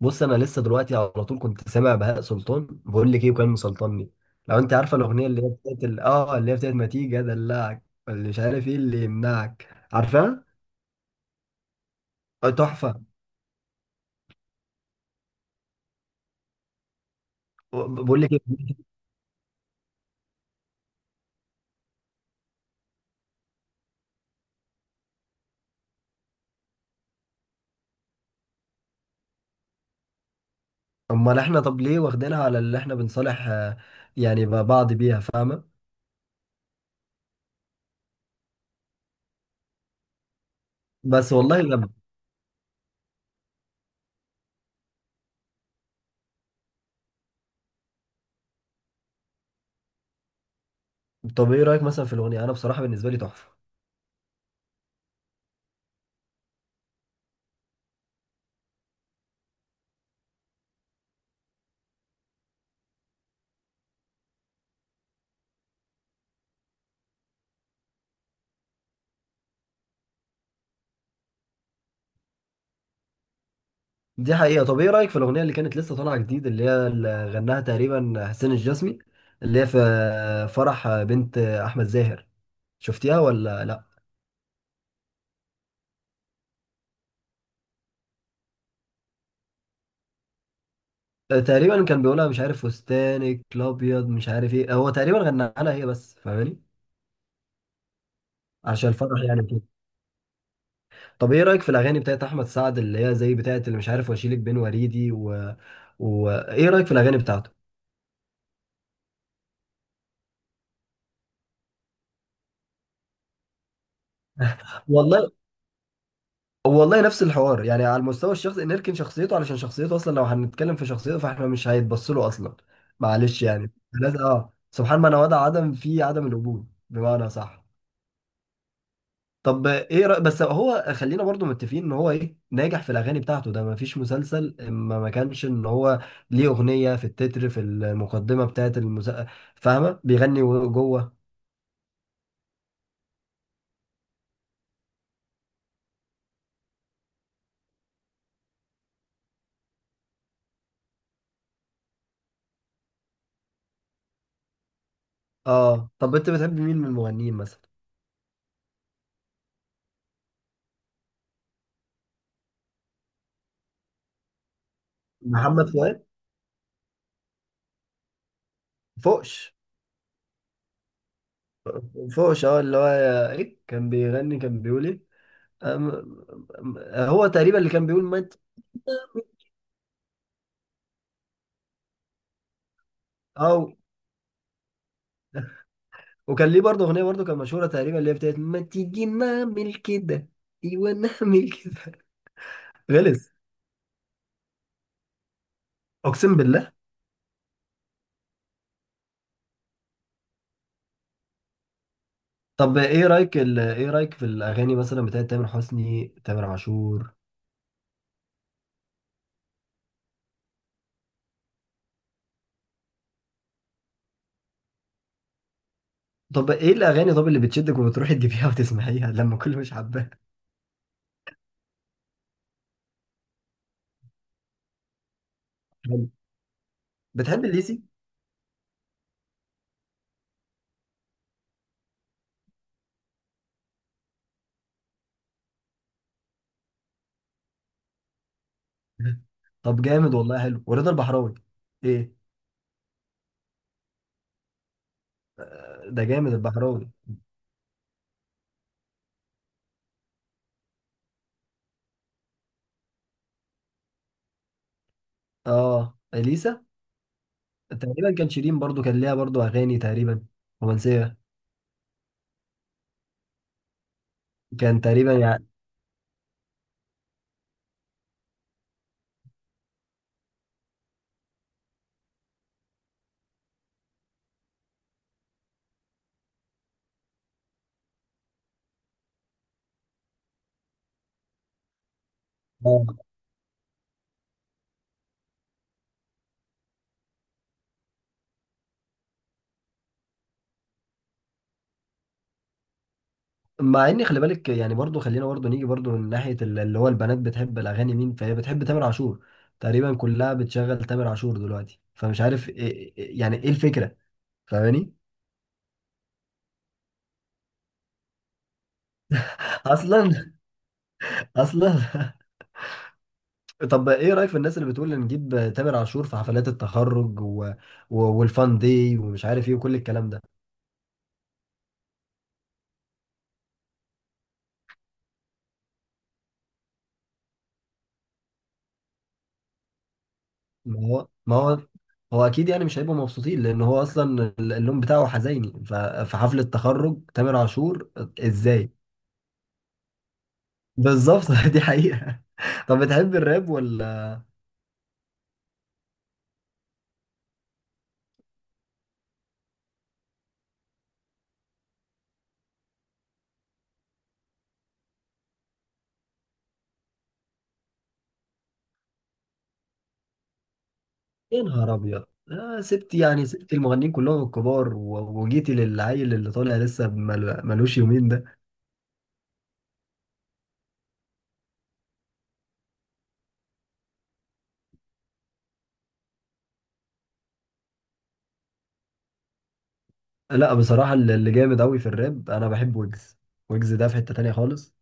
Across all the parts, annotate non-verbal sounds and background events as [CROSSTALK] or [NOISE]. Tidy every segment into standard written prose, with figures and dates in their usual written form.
بص، انا لسه دلوقتي على طول كنت سامع بهاء سلطان. بقول لك ايه؟ وكان مسلطني. لو انت عارفه الاغنيه اللي هي بتاعت اللي هي بتاعت ما تيجي ادلعك، اللي مش عارف ايه اللي يمنعك، عارفها؟ آه، تحفه. بقول لك ايه؟ امال احنا طب ليه واخدينها على اللي احنا بنصالح يعني بعض بيها؟ فاهمه؟ بس والله لما... طب ايه رايك مثلا في الاغنيه؟ انا بصراحه بالنسبه لي تحفه. دي حقيقة. طب ايه رأيك في الأغنية اللي كانت لسه طالعة جديد، اللي هي اللي غناها تقريبا حسين الجسمي، اللي هي في فرح بنت أحمد زاهر؟ شفتيها ولا لا؟ آه، تقريبا كان بيقولها مش عارف فستانك الأبيض مش عارف ايه. هو تقريبا غناها لها هي بس. فاهماني؟ عشان الفرح يعني كده. طب ايه رأيك في الأغاني بتاعت أحمد سعد؟ اللي هي زي بتاعت اللي مش عارف واشيلك بين وريدي ايه رأيك في الأغاني بتاعته؟ والله والله، نفس الحوار يعني على المستوى الشخصي. نركن شخصيته، علشان شخصيته اصلا لو هنتكلم في شخصيته فاحنا مش هيتبص له اصلا. معلش يعني لازم. اه سبحان من وضع عدم في عدم الوجود، بمعنى صح. طب ايه رأي؟ بس هو خلينا برضو متفقين ان هو ايه، ناجح في الاغاني بتاعته. ده ما فيش مسلسل ما كانش ان هو ليه اغنية في التتر في المقدمة بتاعت المسا... فاهمة؟ بيغني جوه. اه، طب انت بتحب مين من المغنيين مثلا؟ محمد فؤاد. فوقش فوش، اللي هو ايه كان بيغني؟ كان بيقول ايه؟ أم... هو تقريبا اللي كان بيقول ما... اه، وكان ليه برضه اغنيه برضه كان مشهوره تقريبا اللي هي بتاعت ما تيجي نعمل كده. ايوه نعمل كده، غلس. اقسم بالله. طب ايه رايك ايه رايك في الاغاني مثلا بتاعت تامر حسني، تامر عاشور؟ طب ايه الاغاني، طب اللي بتشدك وبتروحي تجيبيها [LAUGHS] وتسمعيها لما كل مش حباها؟ حلو. بتحب الليسي؟ [LAUGHS] طب جامد والله، حلو. ورضا البحراوي، ايه؟ ده جامد البحراوي. اه، اليسا. تقريبا كان شيرين برضو كان ليها برضو اغاني تقريبا رومانسيه. كان تقريبا يعني... آه. مع ان خلي بالك، يعني برضو خلينا برضو نيجي برضو من ناحيه اللي هو البنات بتحب الاغاني مين؟ فهي بتحب تامر عاشور. تقريبا كلها بتشغل تامر عاشور دلوقتي، فمش عارف يعني ايه الفكره؟ فاهماني؟ [LAUGHS] اصلا، اصلا. [LAUGHS] طب ايه رايك في الناس اللي بتقول نجيب تامر عاشور في حفلات التخرج والفان دي ومش عارف ايه وكل الكلام ده؟ ما هو ما هو هو اكيد يعني مش هيبقوا مبسوطين، لان هو اصلا اللون بتاعه حزيني. ففي حفلة تخرج تامر عاشور؟ ازاي؟ بالظبط. [LAUGHS] دي حقيقة. طب بتحب الراب ولا؟ يا نهار ابيض! سبت يعني سبت المغنيين كلهم الكبار وجيتي للعيل اللي طالع لسه ملوش يومين ده؟ لا بصراحة، اللي جامد قوي في الراب انا بحب ويجز. ويجز ده في حتة تانية خالص.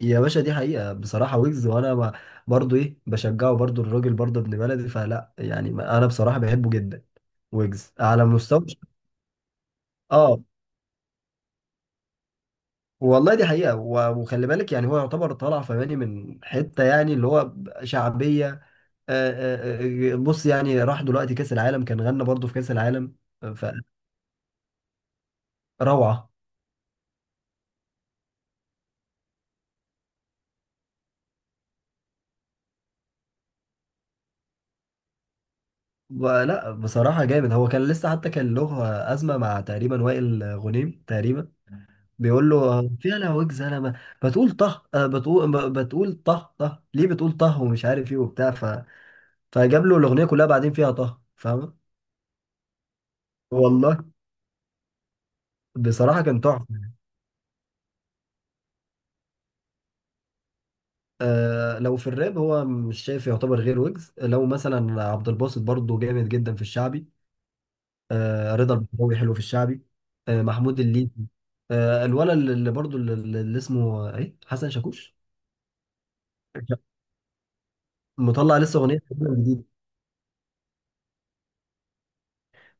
يا باشا، دي حقيقة بصراحة. ويجز وانا ما- برضو ايه بشجعه برضو، الراجل برضو ابن بلدي، فلا يعني انا بصراحة بحبه جدا. ويجز على مستوى... اه والله، دي حقيقة. وخلي بالك يعني هو يعتبر طالع فماني من حتة، يعني اللي هو شعبية. بص يعني راح دلوقتي كأس العالم، كان غنى برضو في كأس العالم. فروعة. لا بصراحة جامد. هو كان لسه حتى كان له أزمة مع تقريبا وائل غنيم تقريبا. بيقول له فيها لهوك زلمه، بتقول طه، بتقول بتقول طه طه، ليه بتقول طه ومش عارف ايه وبتاع ف... فجاب له الاغنيه كلها بعدين فيها طه، فاهم؟ والله بصراحه، كان تحفه. آه، لو في الراب هو مش شايف يعتبر غير ويجز. لو مثلا عبد الباسط برضه جامد جدا في الشعبي. آه، رضا البحراوي حلو في الشعبي. آه، محمود الليثي. الولد اللي برضه، اللي اسمه ايه، حسن شاكوش. [LAUGHS] مطلع لسه اغنيه جديده.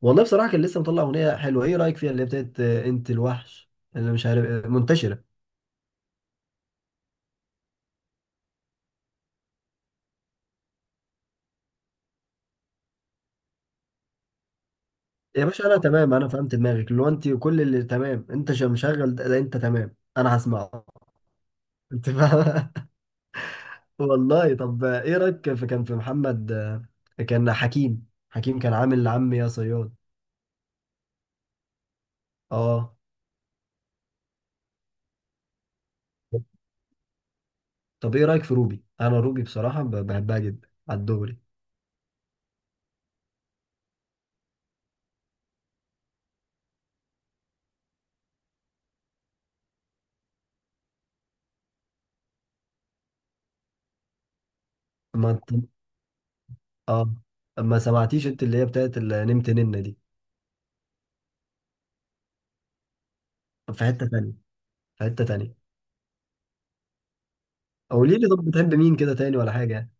والله بصراحة، كان لسه مطلع أغنية حلوة. إيه رأيك فيها؟ اللي هي بتاعت أنت الوحش اللي مش عارف، منتشرة. يا باشا، أنا تمام. أنا فهمت دماغك. اللي هو أنت وكل اللي تمام، أنت مشغل ده أنت تمام أنا هسمعه. أنت فاهم؟ [LAUGHS] والله. طب إيه رأيك في كان في محمد، كان حكيم، كان عامل عمي يا صياد. أه. طب إيه رأيك في روبي؟ أنا روبي بصراحة بحبها جدا على الدغري. ما أنت. أه، ما سمعتيش أنت اللي هي بتاعت اللي نمت ننة دي؟ في حتة تانية، في حتة تانية. او ليه لي؟ طب بتحب مين كده تاني ولا حاجه يعني؟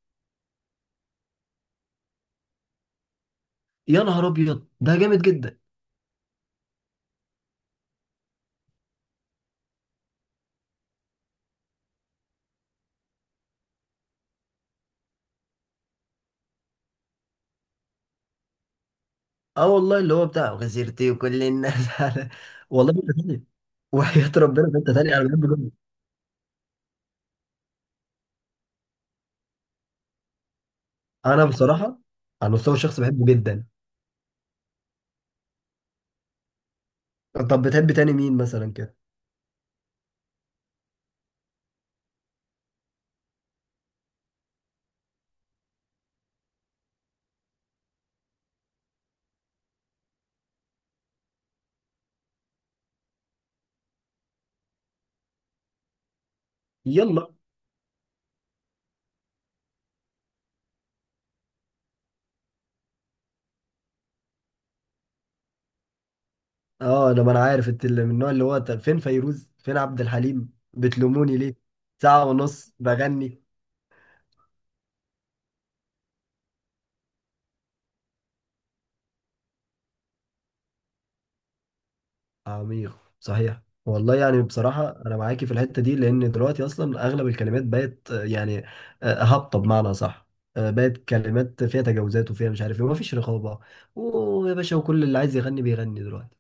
يا نهار ابيض! ده جامد جدا. اه والله، اللي هو بتاع غزيرتي وكل الناس [LAUGHS] على... والله في حته تانيه، وحياه ربنا في حته تانيه، انا بحبه جدا. انا بصراحه على المستوى الشخصي بحبه جدا. طب بتحب تاني مين مثلا كده؟ يلا. اه، انا ما انا عارف انت اللي من النوع اللي هو، طب فين فيروز، فين عبد الحليم؟ بتلوموني ليه؟ ساعه ونص بغني. عميق صحيح والله، يعني بصراحة أنا معاكي في الحتة دي، لأن دلوقتي أصلا أغلب الكلمات بقت يعني هابطة، بمعنى صح. بقت كلمات فيها تجاوزات وفيها مش عارف إيه ومفيش رقابة. ويا باشا، وكل اللي عايز يغني بيغني دلوقتي.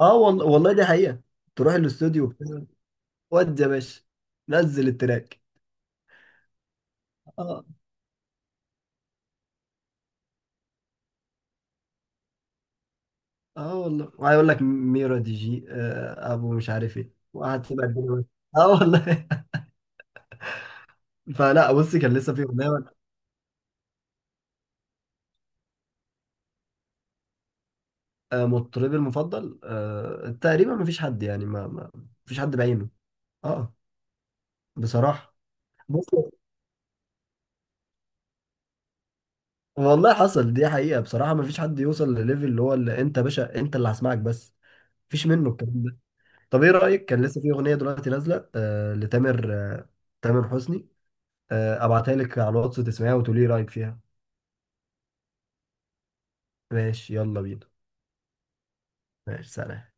أه والله، والله دي حقيقة. تروح الاستوديو بتاع، ودي يا باشا، نزل التراك. أه، أه والله، وهيقول لك ميرا DJ، أبو مش عارف إيه، وقعدت تبقى الدنيا ماشية. أه والله. [LAUGHS] فلا، بصي كان لسه في أغنية. مطربي المفضل تقريبا ما فيش حد، يعني ما فيش حد بعينه. اه بصراحة. بص والله، حصل دي حقيقة بصراحة. ما فيش حد يوصل لليفل اللي هو اللي انت باشا، انت اللي هسمعك بس. مفيش منه الكلام ده. طب ايه رأيك، كان لسه في اغنية دلوقتي نازلة لتامر، تامر حسني. ابعتها لك على الواتس، تسمعيها وتقولي إيه رأيك فيها. ماشي، يلا بينا. ماشي، سلام.